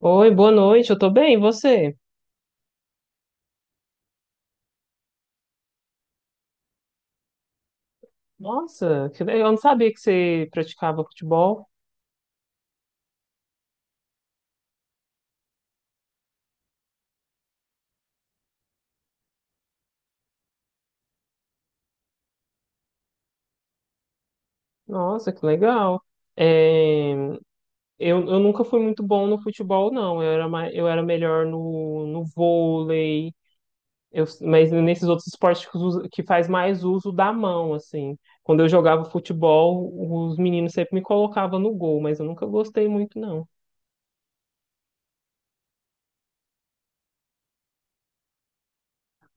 Oi, boa noite, eu tô bem, e você? Nossa, que legal, eu não sabia que você praticava futebol. Nossa, que legal. É, eu nunca fui muito bom no futebol, não. Eu era, mais, eu era melhor no, no vôlei, eu, mas nesses outros esportes que, que faz mais uso da mão, assim. Quando eu jogava futebol, os meninos sempre me colocavam no gol, mas eu nunca gostei muito, não.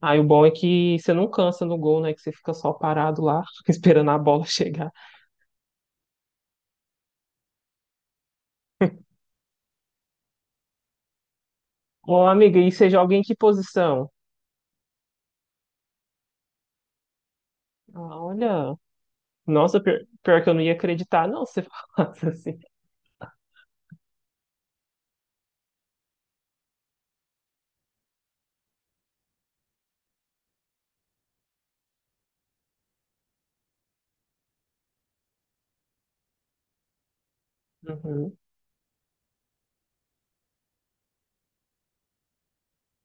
Aí o bom é que você não cansa no gol, né? Que você fica só parado lá, esperando a bola chegar. Ô, amiga, e você joga em que posição? Ah, olha, nossa, pior, pior que eu não ia acreditar, não, se você falasse assim. Uhum.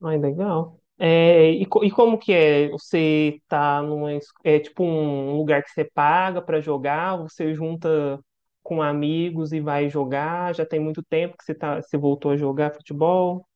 Ai, legal. É, e como que é? Você tá numa, é tipo um lugar que você paga para jogar, você junta com amigos e vai jogar? Já tem muito tempo que você tá, você voltou a jogar futebol?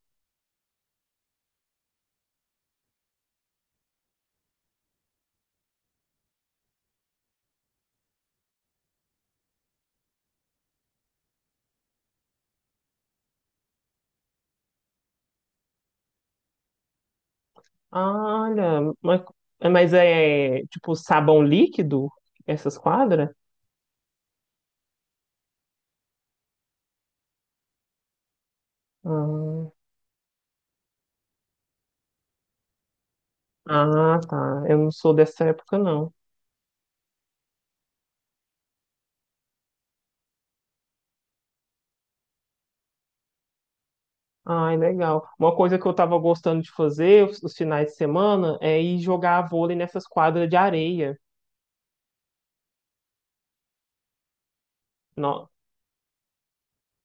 Ah, olha, mas é tipo sabão líquido essas quadras? Ah, ah, tá. Eu não sou dessa época, não. Ai, legal. Uma coisa que eu tava gostando de fazer os finais de semana é ir jogar vôlei nessas quadras de areia. Não.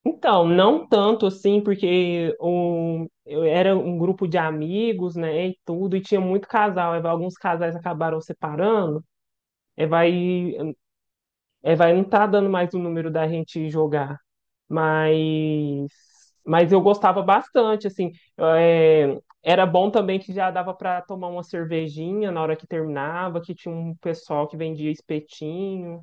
Então, não tanto assim, porque um, eu era um grupo de amigos, né, e tudo, e tinha muito casal. Alguns casais acabaram separando, aí vai, aí vai não tá dando mais o número da gente jogar. Mas, mas eu gostava bastante, assim. É, era bom também que já dava para tomar uma cervejinha na hora que terminava, que tinha um pessoal que vendia espetinho.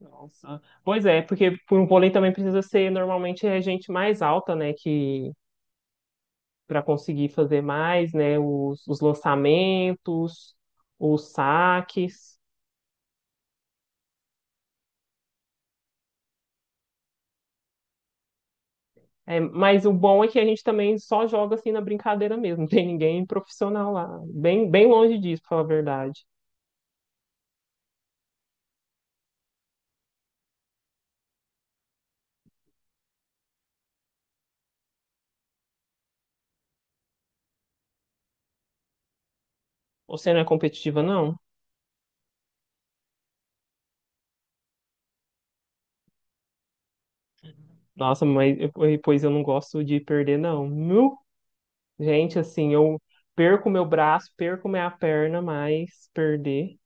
Nossa. Pois é, porque por um vôlei também precisa ser normalmente é gente mais alta, né, que para conseguir fazer mais, né, os lançamentos, os saques. É, mas o bom é que a gente também só joga assim na brincadeira mesmo, não tem ninguém profissional lá, bem, bem longe disso, pra falar a verdade. Você não é competitiva, não? Nossa, mas eu- Pois eu não gosto de perder, não. Nu! Gente, assim, eu perco meu braço, perco minha perna, mas perder.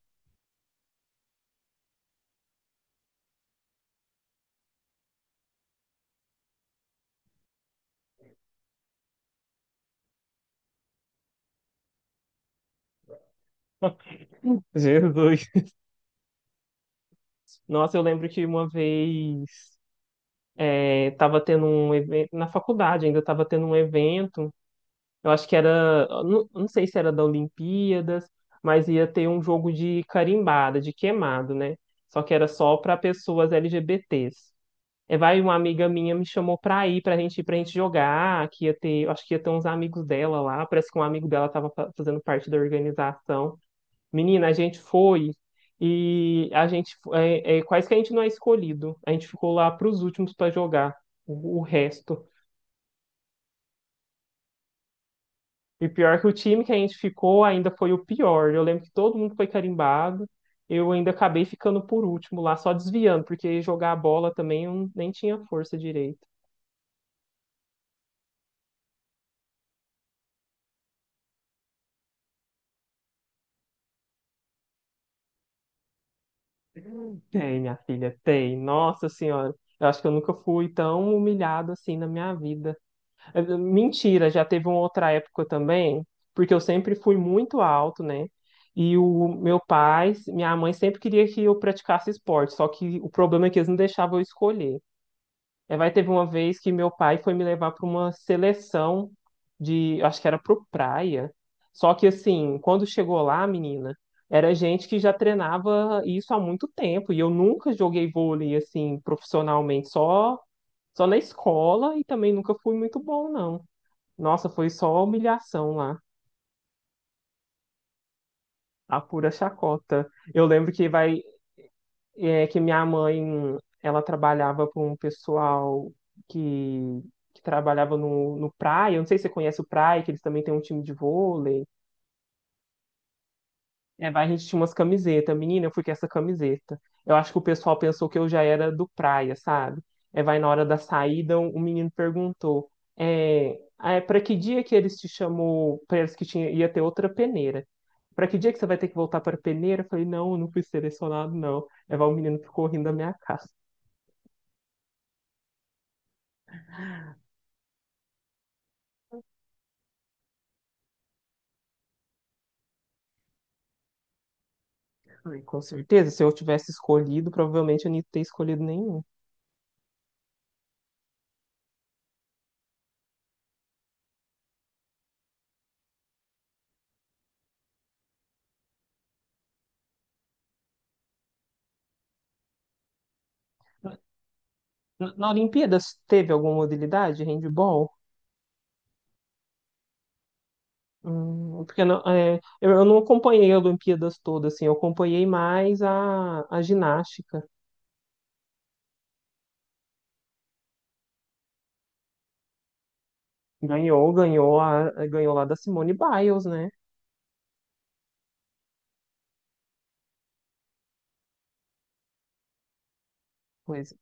Jesus. Nossa, eu lembro que uma vez tava tendo um evento na faculdade, ainda tava tendo um evento. Eu acho que era, não, não sei se era da Olimpíadas, mas ia ter um jogo de carimbada, de queimado, né? Só que era só para pessoas LGBTs. Uma amiga minha me chamou pra ir, pra gente jogar, que ia ter, eu acho que ia ter uns amigos dela lá, parece que um amigo dela tava fazendo parte da organização. Menina, a gente foi e a gente quase que a gente não é escolhido. A gente ficou lá para os últimos para jogar o resto. E pior que o time que a gente ficou ainda foi o pior. Eu lembro que todo mundo foi carimbado. Eu ainda acabei ficando por último lá, só desviando, porque jogar a bola também eu nem tinha força direito. Tem, minha filha, tem. Nossa Senhora, eu acho que eu nunca fui tão humilhado assim na minha vida. Mentira, já teve uma outra época também, porque eu sempre fui muito alto, né? E o meu pai, minha mãe sempre queria que eu praticasse esporte, só que o problema é que eles não deixavam eu escolher. É, vai teve uma vez que meu pai foi me levar para uma seleção de, eu acho que era pro praia. Só que assim, quando chegou lá, menina, era gente que já treinava isso há muito tempo e eu nunca joguei vôlei assim profissionalmente, só só na escola e também nunca fui muito bom, não. Nossa, foi só humilhação lá, a pura chacota. Eu lembro que que minha mãe, ela trabalhava com um pessoal que, que trabalhava no, no Praia, eu não sei se você conhece o Praia, que eles também têm um time de vôlei. A gente tinha umas camisetas. Menina, eu fui com essa camiseta. Eu acho que o pessoal pensou que eu já era do praia, sabe? É, vai na hora da saída, o menino perguntou: é, para que dia que eles te chamou? Para eles que tinha, ia ter outra peneira. Para que dia que você vai ter que voltar para peneira? Eu falei: não, eu não fui selecionado, não. O menino ficou rindo da minha cara. Falei, com certeza, se eu tivesse escolhido, provavelmente eu não ia ter escolhido nenhum. Na Olimpíadas, teve alguma modalidade? Handball? Porque não- é, eu não acompanhei a Olimpíadas toda, assim, eu acompanhei mais a ginástica. Ganhou, ganhou, a, ganhou lá da Simone Biles, né? Pois-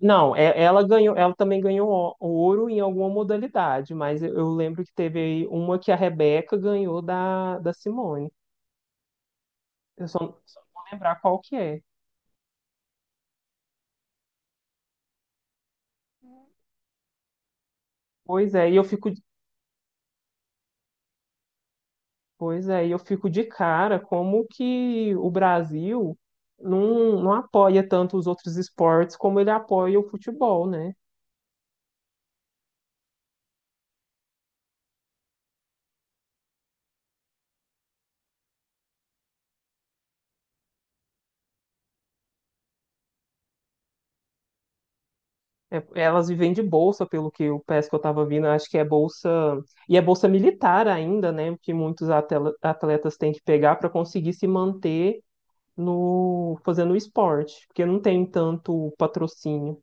Não, ela ganhou, ela também ganhou ouro em alguma modalidade, mas eu lembro que teve aí uma que a Rebeca ganhou da, da Simone. Eu só, só não vou lembrar qual que é. Pois é, e eu fico, Pois é, e eu fico de cara como que o Brasil não, não apoia tanto os outros esportes como ele apoia o futebol, né? É, elas vivem de bolsa, pelo que eu peço que eu estava vindo, acho que é bolsa, e é bolsa militar ainda, né? Que muitos atletas têm que pegar para conseguir se manter no fazendo esporte, porque não tem tanto patrocínio.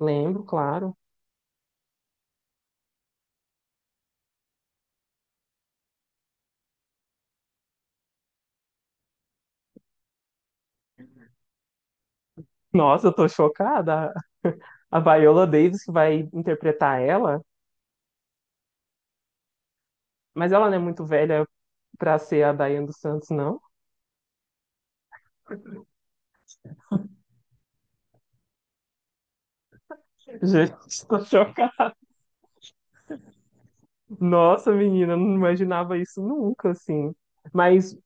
Lembro, claro. Nossa, eu tô chocada. A Viola Davis que vai interpretar ela, mas ela não é muito velha, pra ser a Daiane dos Santos, não. Gente, tô chocada. Nossa, menina, não imaginava isso nunca, assim. Mas,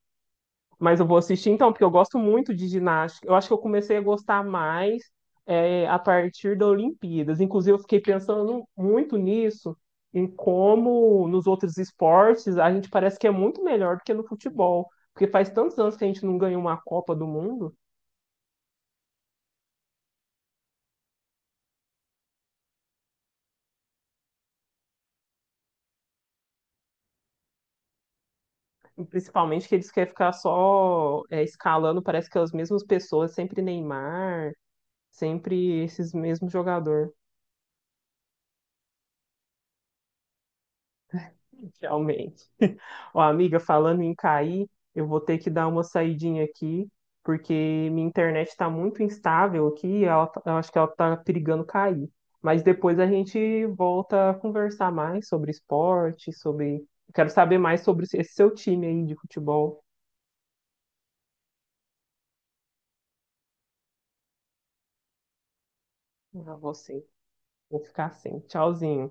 mas eu vou assistir então, porque eu gosto muito de ginástica. Eu acho que eu comecei a gostar mais a partir da Olimpíadas. Inclusive, eu fiquei pensando muito nisso, em como nos outros esportes a gente parece que é muito melhor do que no futebol. Porque faz tantos anos que a gente não ganha uma Copa do Mundo. Principalmente que eles querem ficar só escalando, parece que é as mesmas pessoas, sempre Neymar, sempre esses mesmos jogadores, realmente. Ó, amiga, falando em cair, eu vou ter que dar uma saidinha aqui, porque minha internet está muito instável aqui, eu acho que ela está perigando cair. Mas depois a gente volta a conversar mais sobre esporte, sobre... Quero saber mais sobre esse seu time aí de futebol. Ah, você. Vou ficar assim. Tchauzinho.